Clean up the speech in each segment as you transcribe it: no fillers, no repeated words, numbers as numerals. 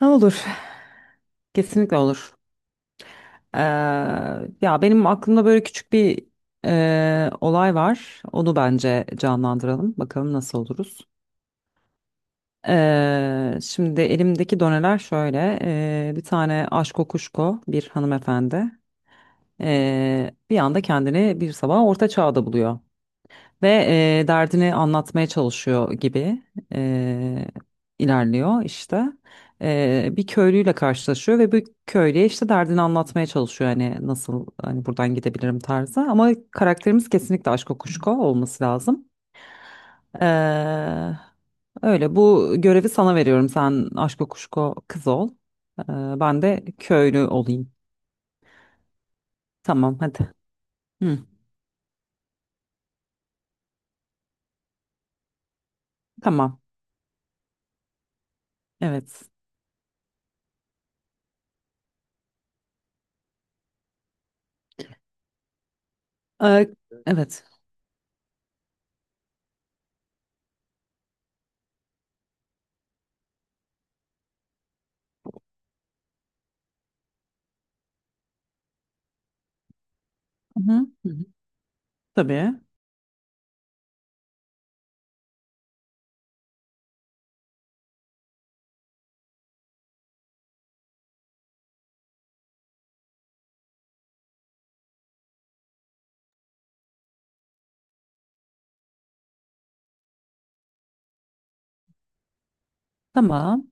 Ne olur. Kesinlikle olur. Ee, Ya benim aklımda böyle küçük bir olay var. Onu bence canlandıralım. Bakalım nasıl oluruz. Şimdi elimdeki doneler şöyle. Bir tane aşko kuşko bir hanımefendi. Bir anda kendini bir sabah orta çağda buluyor. Ve derdini anlatmaya çalışıyor gibi e, ilerliyor işte. Bir köylüyle karşılaşıyor ve bu köylüye işte derdini anlatmaya çalışıyor. Hani nasıl hani buradan gidebilirim tarzı. Ama karakterimiz kesinlikle Aşko Kuşko olması lazım. E, Öyle bu görevi sana veriyorum. Sen Aşko Kuşko kız ol. E, Ben de köylü olayım. Tamam hadi. Hı, tamam. Evet. E, evet. Hı hı. Hı hı. Tabii. Tamam.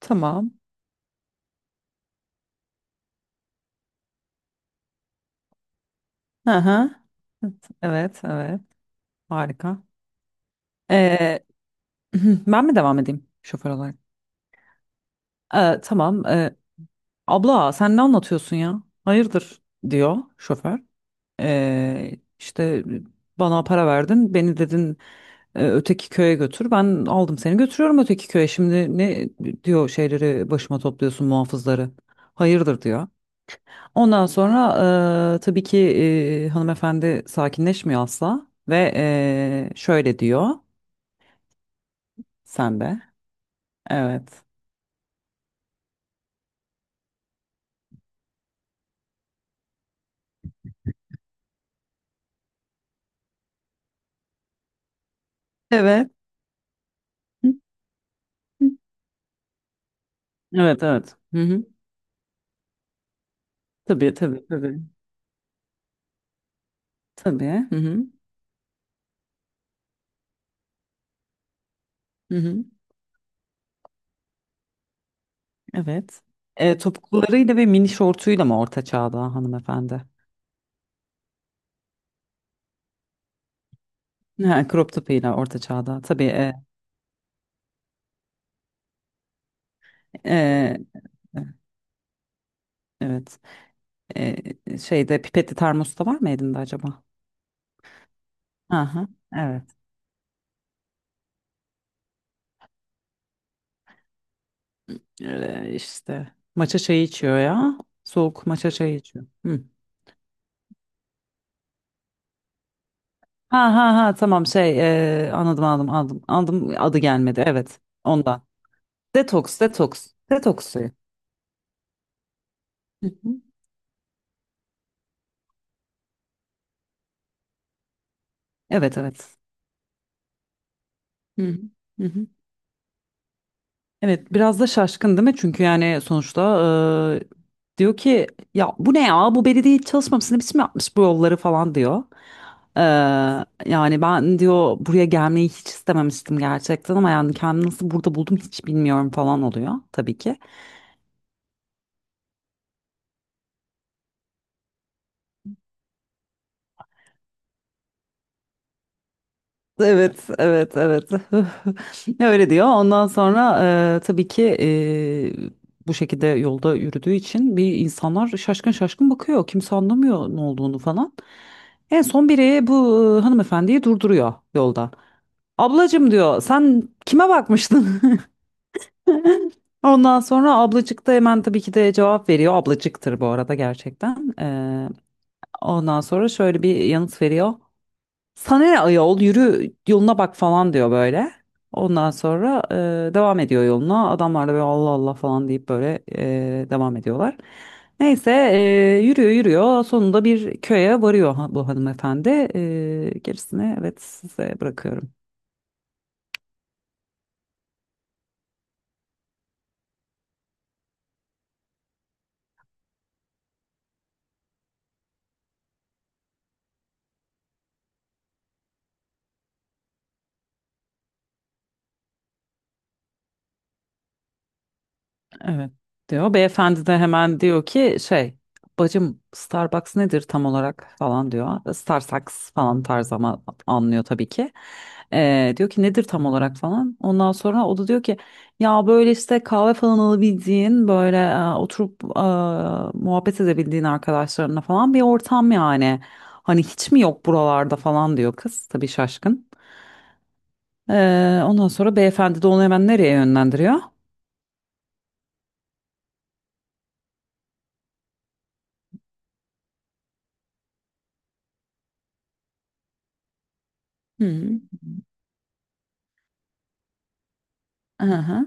Tamam. Hı hı. Evet, evet. Harika. Ee, Ben mi devam edeyim şoför olarak? Tamam. Abla sen ne anlatıyorsun ya? Hayırdır diyor şoför. İşte bana para verdin. Beni dedin öteki köye götür. Ben aldım seni götürüyorum öteki köye. Şimdi ne diyor şeyleri başıma topluyorsun muhafızları. Hayırdır diyor. Ondan sonra tabii ki hanımefendi sakinleşmiyor asla ve şöyle diyor sen de. Evet. Evet. Hı hı. Evet evet. Hı hı. Tabii tabii tabii. Tabii. Hı hı. Hı hı. Evet. Topuklularıyla ve mini şortuyla mı orta çağda hanımefendi? Ha, crop topuyla orta çağda. Tabii. Eee, evet. Eee, Şeyde pipetli termos da var mı elinde acaba? Aha, evet. Öyle işte. Maça çayı içiyor ya. Soğuk maça çayı içiyor. Hı. Ha ha ha, tamam, şey, anladım, anladım, anladım. Anladım, adı gelmedi, evet, ondan. Detoks, detoks. Detoks suyu. Hı hı. Evet evet. Hı hı. Hı hı. Evet, biraz da şaşkın değil mi? Çünkü yani sonuçta diyor ki ya bu ne, ya bu belediye hiç çalışmamış, ne biçim yapmış bu yolları falan diyor. Ee, Yani ben diyor buraya gelmeyi hiç istememiştim gerçekten, ama yani kendimi nasıl burada buldum hiç bilmiyorum falan oluyor tabii ki. Evet, evet, evet. Öyle diyor. Ondan sonra tabii ki bu şekilde yolda yürüdüğü için bir insanlar şaşkın şaşkın bakıyor. Kimse anlamıyor ne olduğunu falan. En son biri bu hanımefendiyi durduruyor yolda. Ablacım diyor sen kime bakmıştın? Ondan sonra ablacık da hemen tabii ki de cevap veriyor. Ablacıktır bu arada gerçekten. Ondan sonra şöyle bir yanıt veriyor. Sana ne ayol, yürü yoluna bak falan diyor böyle. Ondan sonra devam ediyor yoluna. Adamlar da böyle Allah Allah falan deyip böyle devam ediyorlar. Neyse yürüyor yürüyor. Sonunda bir köye varıyor bu hanımefendi. Gerisini, evet, size bırakıyorum. Evet diyor. Beyefendi de hemen diyor ki şey, bacım Starbucks nedir tam olarak falan diyor. Starbucks falan tarz ama anlıyor tabii ki. Diyor ki nedir tam olarak falan. Ondan sonra o da diyor ki ya böyle işte kahve falan alabildiğin böyle oturup muhabbet edebildiğin arkadaşlarına falan bir ortam yani. Hani hiç mi yok buralarda falan diyor kız tabii şaşkın. Ondan sonra beyefendi de onu hemen nereye yönlendiriyor? Hı hı. Aha,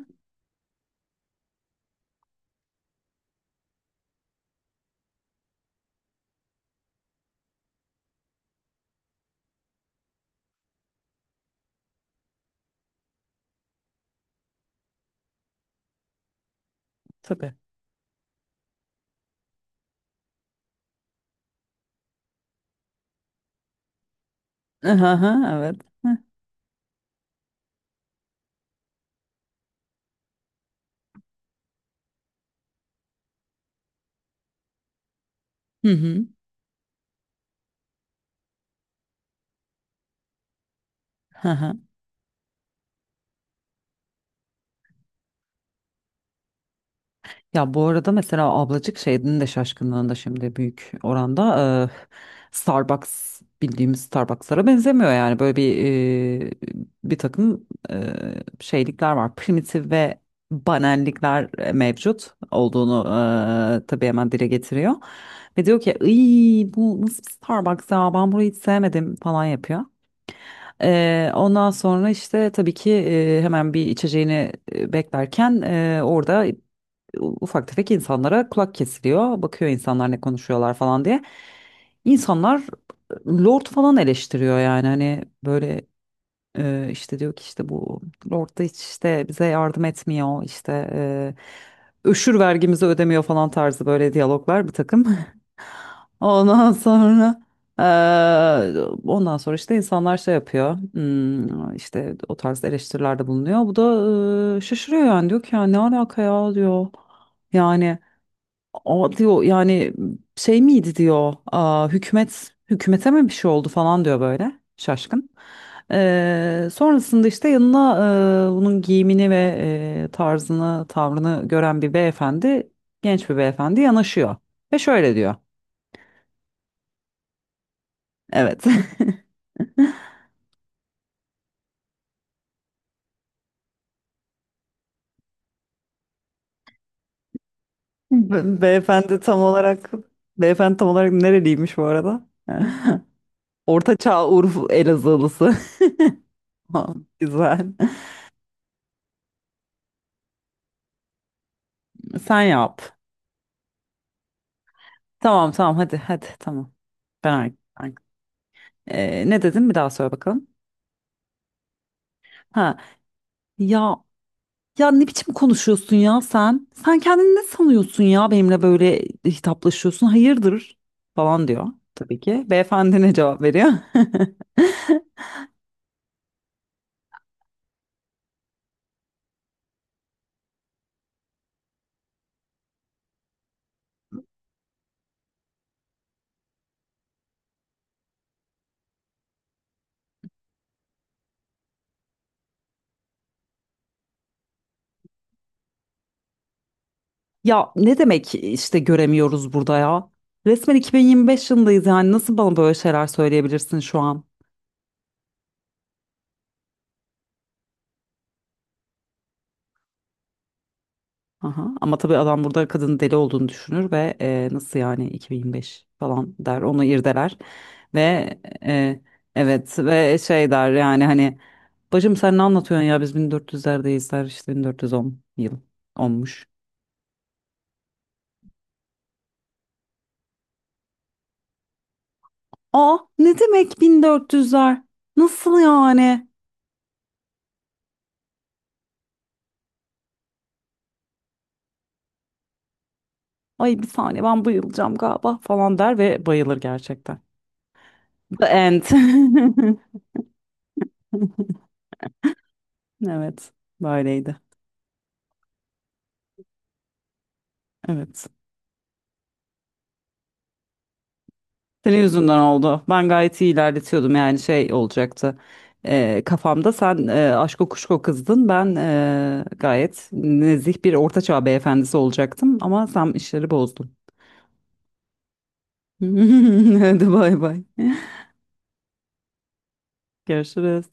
tabii. Aha, evet. Hı hı. Hı hı. Ya bu arada mesela ablacık şeyinin de şaşkınlığında şimdi büyük oranda Starbucks bildiğimiz Starbucks'lara benzemiyor yani böyle bir e, bir takım şeylikler var, primitif ve banallikler mevcut olduğunu tabii hemen dile getiriyor ve diyor ki "Iy, bu nasıl bir Starbucks ya, ben burayı hiç sevmedim" falan yapıyor. Ondan sonra işte tabii ki hemen bir içeceğini beklerken orada ufak tefek insanlara kulak kesiliyor. Bakıyor insanlar ne konuşuyorlar falan diye. İnsanlar Lord falan eleştiriyor yani hani böyle işte diyor ki işte bu Lord da hiç işte bize yardım etmiyor işte öşür vergimizi ödemiyor falan tarzı böyle diyaloglar bir takım. Ondan sonra e, ondan sonra işte insanlar şey yapıyor, işte o tarz eleştirilerde bulunuyor. Bu da şaşırıyor yani diyor ki ya ne alaka ya diyor. Yani o diyor yani şey miydi diyor, aa, hükümet hükümete mi bir şey oldu falan diyor böyle şaşkın. Sonrasında işte yanına bunun giyimini ve tarzını tavrını gören bir beyefendi, genç bir beyefendi yanaşıyor ve şöyle diyor. Evet. Be- Beyefendi tam olarak beyefendi tam olarak nereliymiş bu arada? Orta Çağ Urfa Elazığlısı. Ha, güzel. Sen yap. Tamam tamam, hadi hadi, tamam. Ben artık. Ne dedin, bir daha söyle bakalım. Ha, ya, ya ne biçim konuşuyorsun ya sen? Sen kendini ne sanıyorsun ya, benimle böyle hitaplaşıyorsun? Hayırdır falan diyor tabii ki. Beyefendi ne cevap veriyor? Ya ne demek işte göremiyoruz burada ya? Resmen 2025 yılındayız, yani nasıl bana böyle şeyler söyleyebilirsin şu an? Aha. Ama tabii adam burada kadının deli olduğunu düşünür ve nasıl yani 2025 falan der, onu irdeler ve e, evet ve şey der yani hani bacım sen ne anlatıyorsun ya biz 1400'lerdeyiz der, işte 1410 yıl olmuş. Aa ne demek 1400'ler, nasıl yani, ay bir saniye ben bayılacağım galiba falan der ve bayılır gerçekten. The end. Evet, böyleydi, evet. Senin yüzünden oldu. Ben gayet iyi ilerletiyordum yani şey olacaktı. Kafamda sen aşko kuşko kızdın. Ben gayet nezih bir ortaçağ beyefendisi olacaktım ama sen işleri bozdun. Hadi bay bay. Görüşürüz.